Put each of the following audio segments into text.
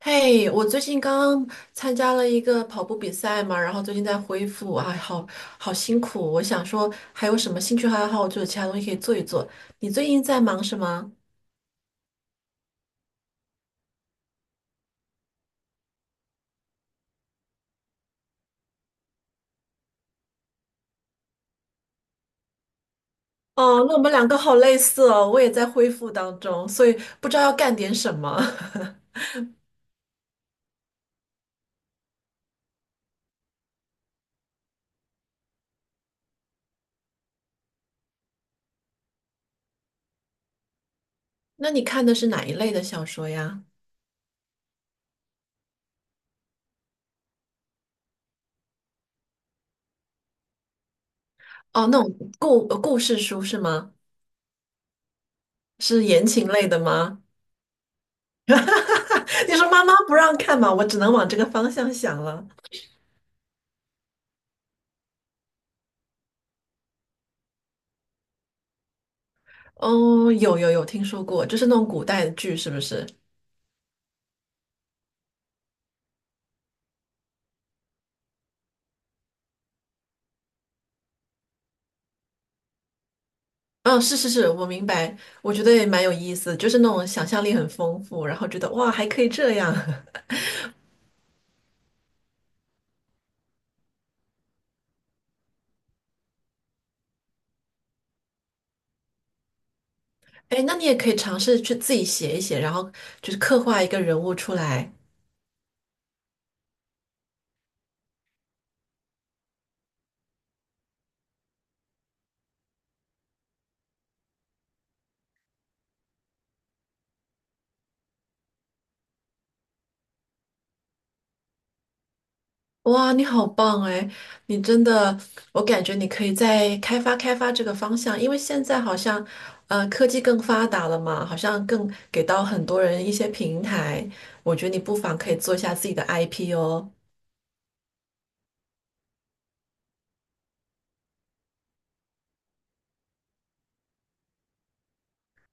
嘿，我最近刚参加了一个跑步比赛嘛，然后最近在恢复，哎，好辛苦。我想说，还有什么兴趣爱好，就是其他东西可以做一做。你最近在忙什么？哦，那我们两个好类似哦，我也在恢复当中，所以不知道要干点什么。那你看的是哪一类的小说呀？哦，那种故事书是吗？是言情类的吗？你说妈妈不让看嘛，我只能往这个方向想了。哦，有有有听说过，就是那种古代的剧，是不是？嗯、是是是，我明白，我觉得也蛮有意思，就是那种想象力很丰富，然后觉得哇，还可以这样。哎，那你也可以尝试去自己写一写，然后就是刻画一个人物出来。哇，你好棒哎！你真的，我感觉你可以再开发开发这个方向，因为现在好像，科技更发达了嘛，好像更给到很多人一些平台。我觉得你不妨可以做一下自己的 IP 哦。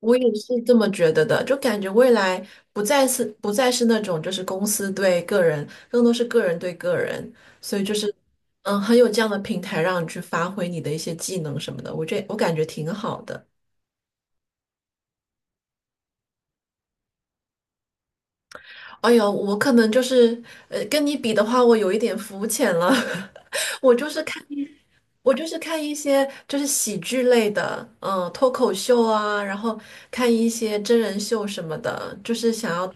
我也是这么觉得的，就感觉未来不再是那种就是公司对个人，更多是个人对个人，所以就是嗯，很有这样的平台让你去发挥你的一些技能什么的，我感觉挺好的。哎呦，我可能就是跟你比的话，我有一点肤浅了。我就是看一些就是喜剧类的，嗯，脱口秀啊，然后看一些真人秀什么的，就是想要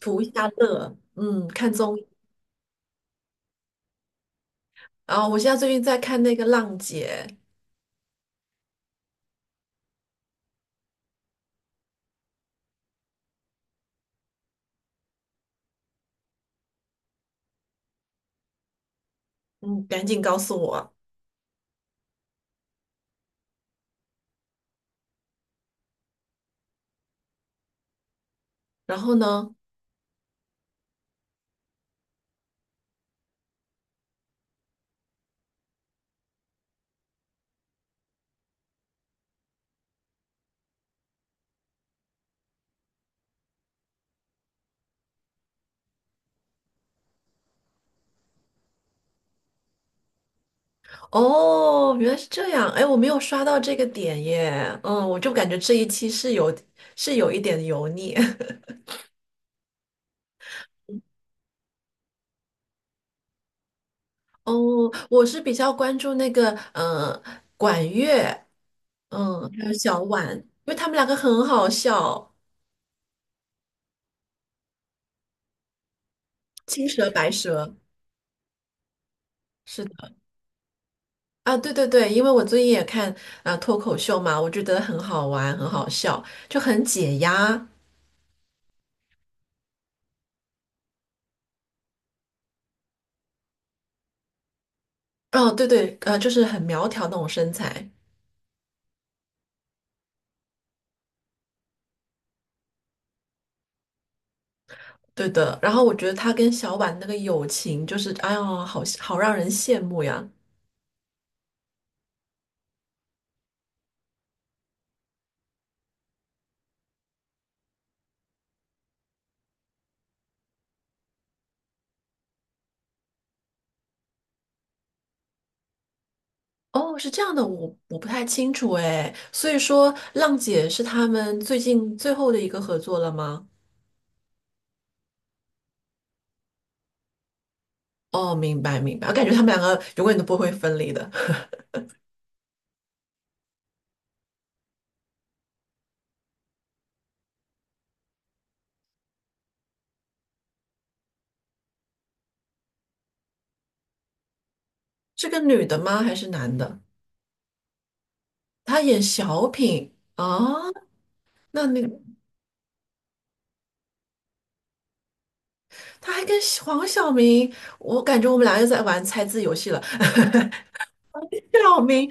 图一下乐，嗯，看综艺。啊，我现在最近在看那个《浪姐》，嗯，赶紧告诉我。然后呢？哦，原来是这样。哎，我没有刷到这个点耶。嗯，我就感觉这一期是是有一点油腻。哦，我是比较关注那个嗯，管乐，嗯，还有小婉，因为他们两个很好笑，青蛇白蛇。是的，啊，对对对，因为我最近也看脱口秀嘛，我觉得很好玩，很好笑，就很解压。嗯，对对，就是很苗条那种身材，对的。然后我觉得他跟小婉那个友情，就是哎呦，好好让人羡慕呀。哦，是这样的，我不太清楚哎。所以说，浪姐是他们最近最后的一个合作了吗？哦，明白明白，我感觉他们两个永远都不会分离的。是个女的吗？还是男的？他演小品啊？那那个他还跟黄晓明，我感觉我们俩又在玩猜字游戏了。小明，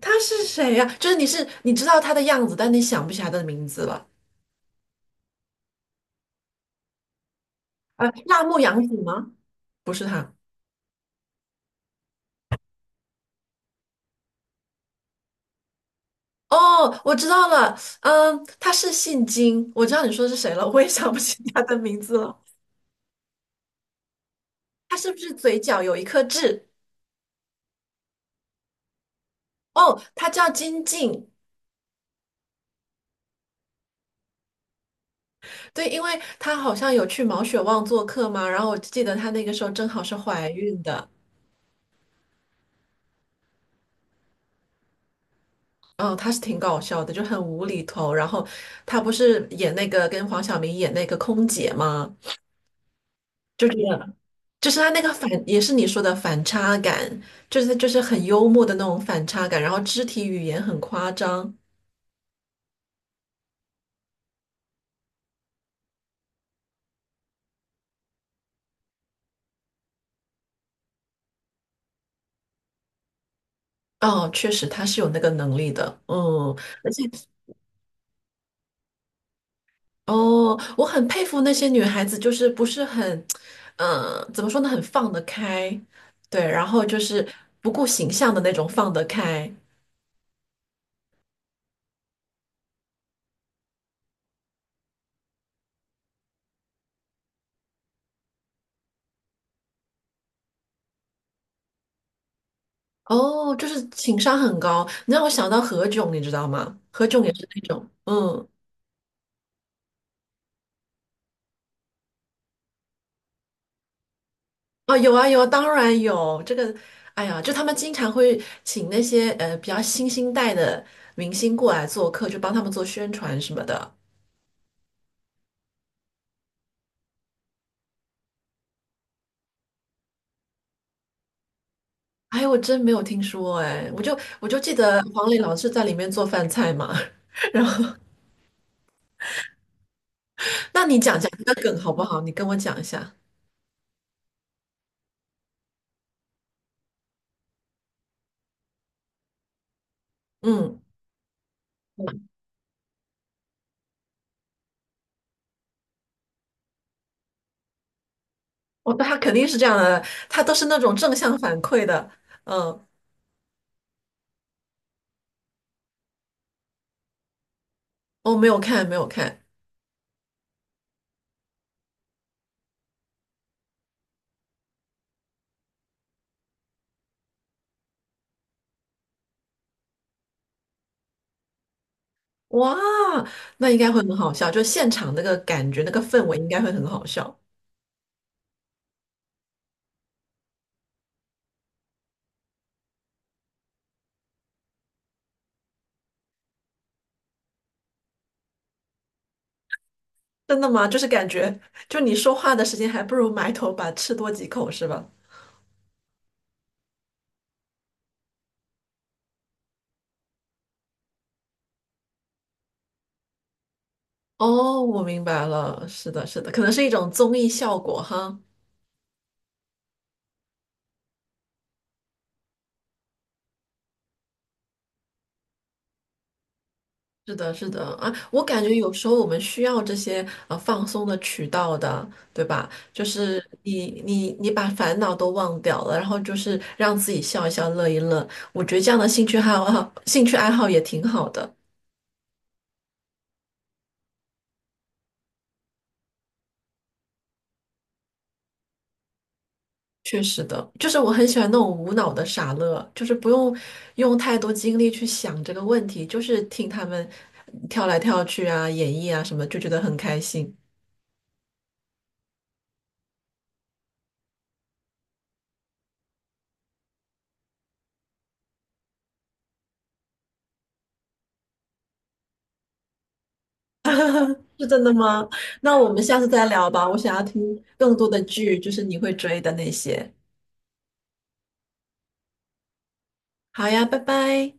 他是谁呀、就是你知道他的样子，但你想不起来他的名字了。辣目洋子吗？不是他。哦，我知道了。嗯，他是姓金，我知道你说的是谁了，我也想不起他的名字了。他是不是嘴角有一颗痣？哦，他叫金靖。对，因为他好像有去毛血旺做客嘛，然后我记得他那个时候正好是怀孕的。嗯，他是挺搞笑的，就很无厘头。然后他不是演那个跟黄晓明演那个空姐吗？就觉得就是他那个反，也是你说的反差感，就是他就是很幽默的那种反差感，然后肢体语言很夸张。哦，确实他是有那个能力的，嗯，而且哦，我很佩服那些女孩子，就是不是很，嗯、怎么说呢，很放得开，对，然后就是不顾形象的那种放得开。哦，就是情商很高，你让我想到何炅，你知道吗？何炅也是那种，嗯。哦，有啊有啊，当然有这个。哎呀，就他们经常会请那些比较新兴代的明星过来做客，就帮他们做宣传什么的。哎，我真没有听说哎，我就记得黄磊老师在里面做饭菜嘛。然后，那你讲讲那个梗好不好？你跟我讲一下。嗯，我他肯定是这样的，他都是那种正向反馈的。嗯，我没有看，没有看。哇，那应该会很好笑，就现场那个感觉，那个氛围应该会很好笑。真的吗？就是感觉，就你说话的时间，还不如埋头把吃多几口，是吧？哦，我明白了，是的，是的，可能是一种综艺效果哈。是的，是的啊，我感觉有时候我们需要这些放松的渠道的，对吧？就是你把烦恼都忘掉了，然后就是让自己笑一笑、乐一乐，我觉得这样的兴趣爱好也挺好的。确实的，就是我很喜欢那种无脑的傻乐，就是不用用太多精力去想这个问题，就是听他们跳来跳去啊、演绎啊什么，就觉得很开心。是真的吗？那我们下次再聊吧，我想要听更多的剧，就是你会追的那些。好呀，拜拜。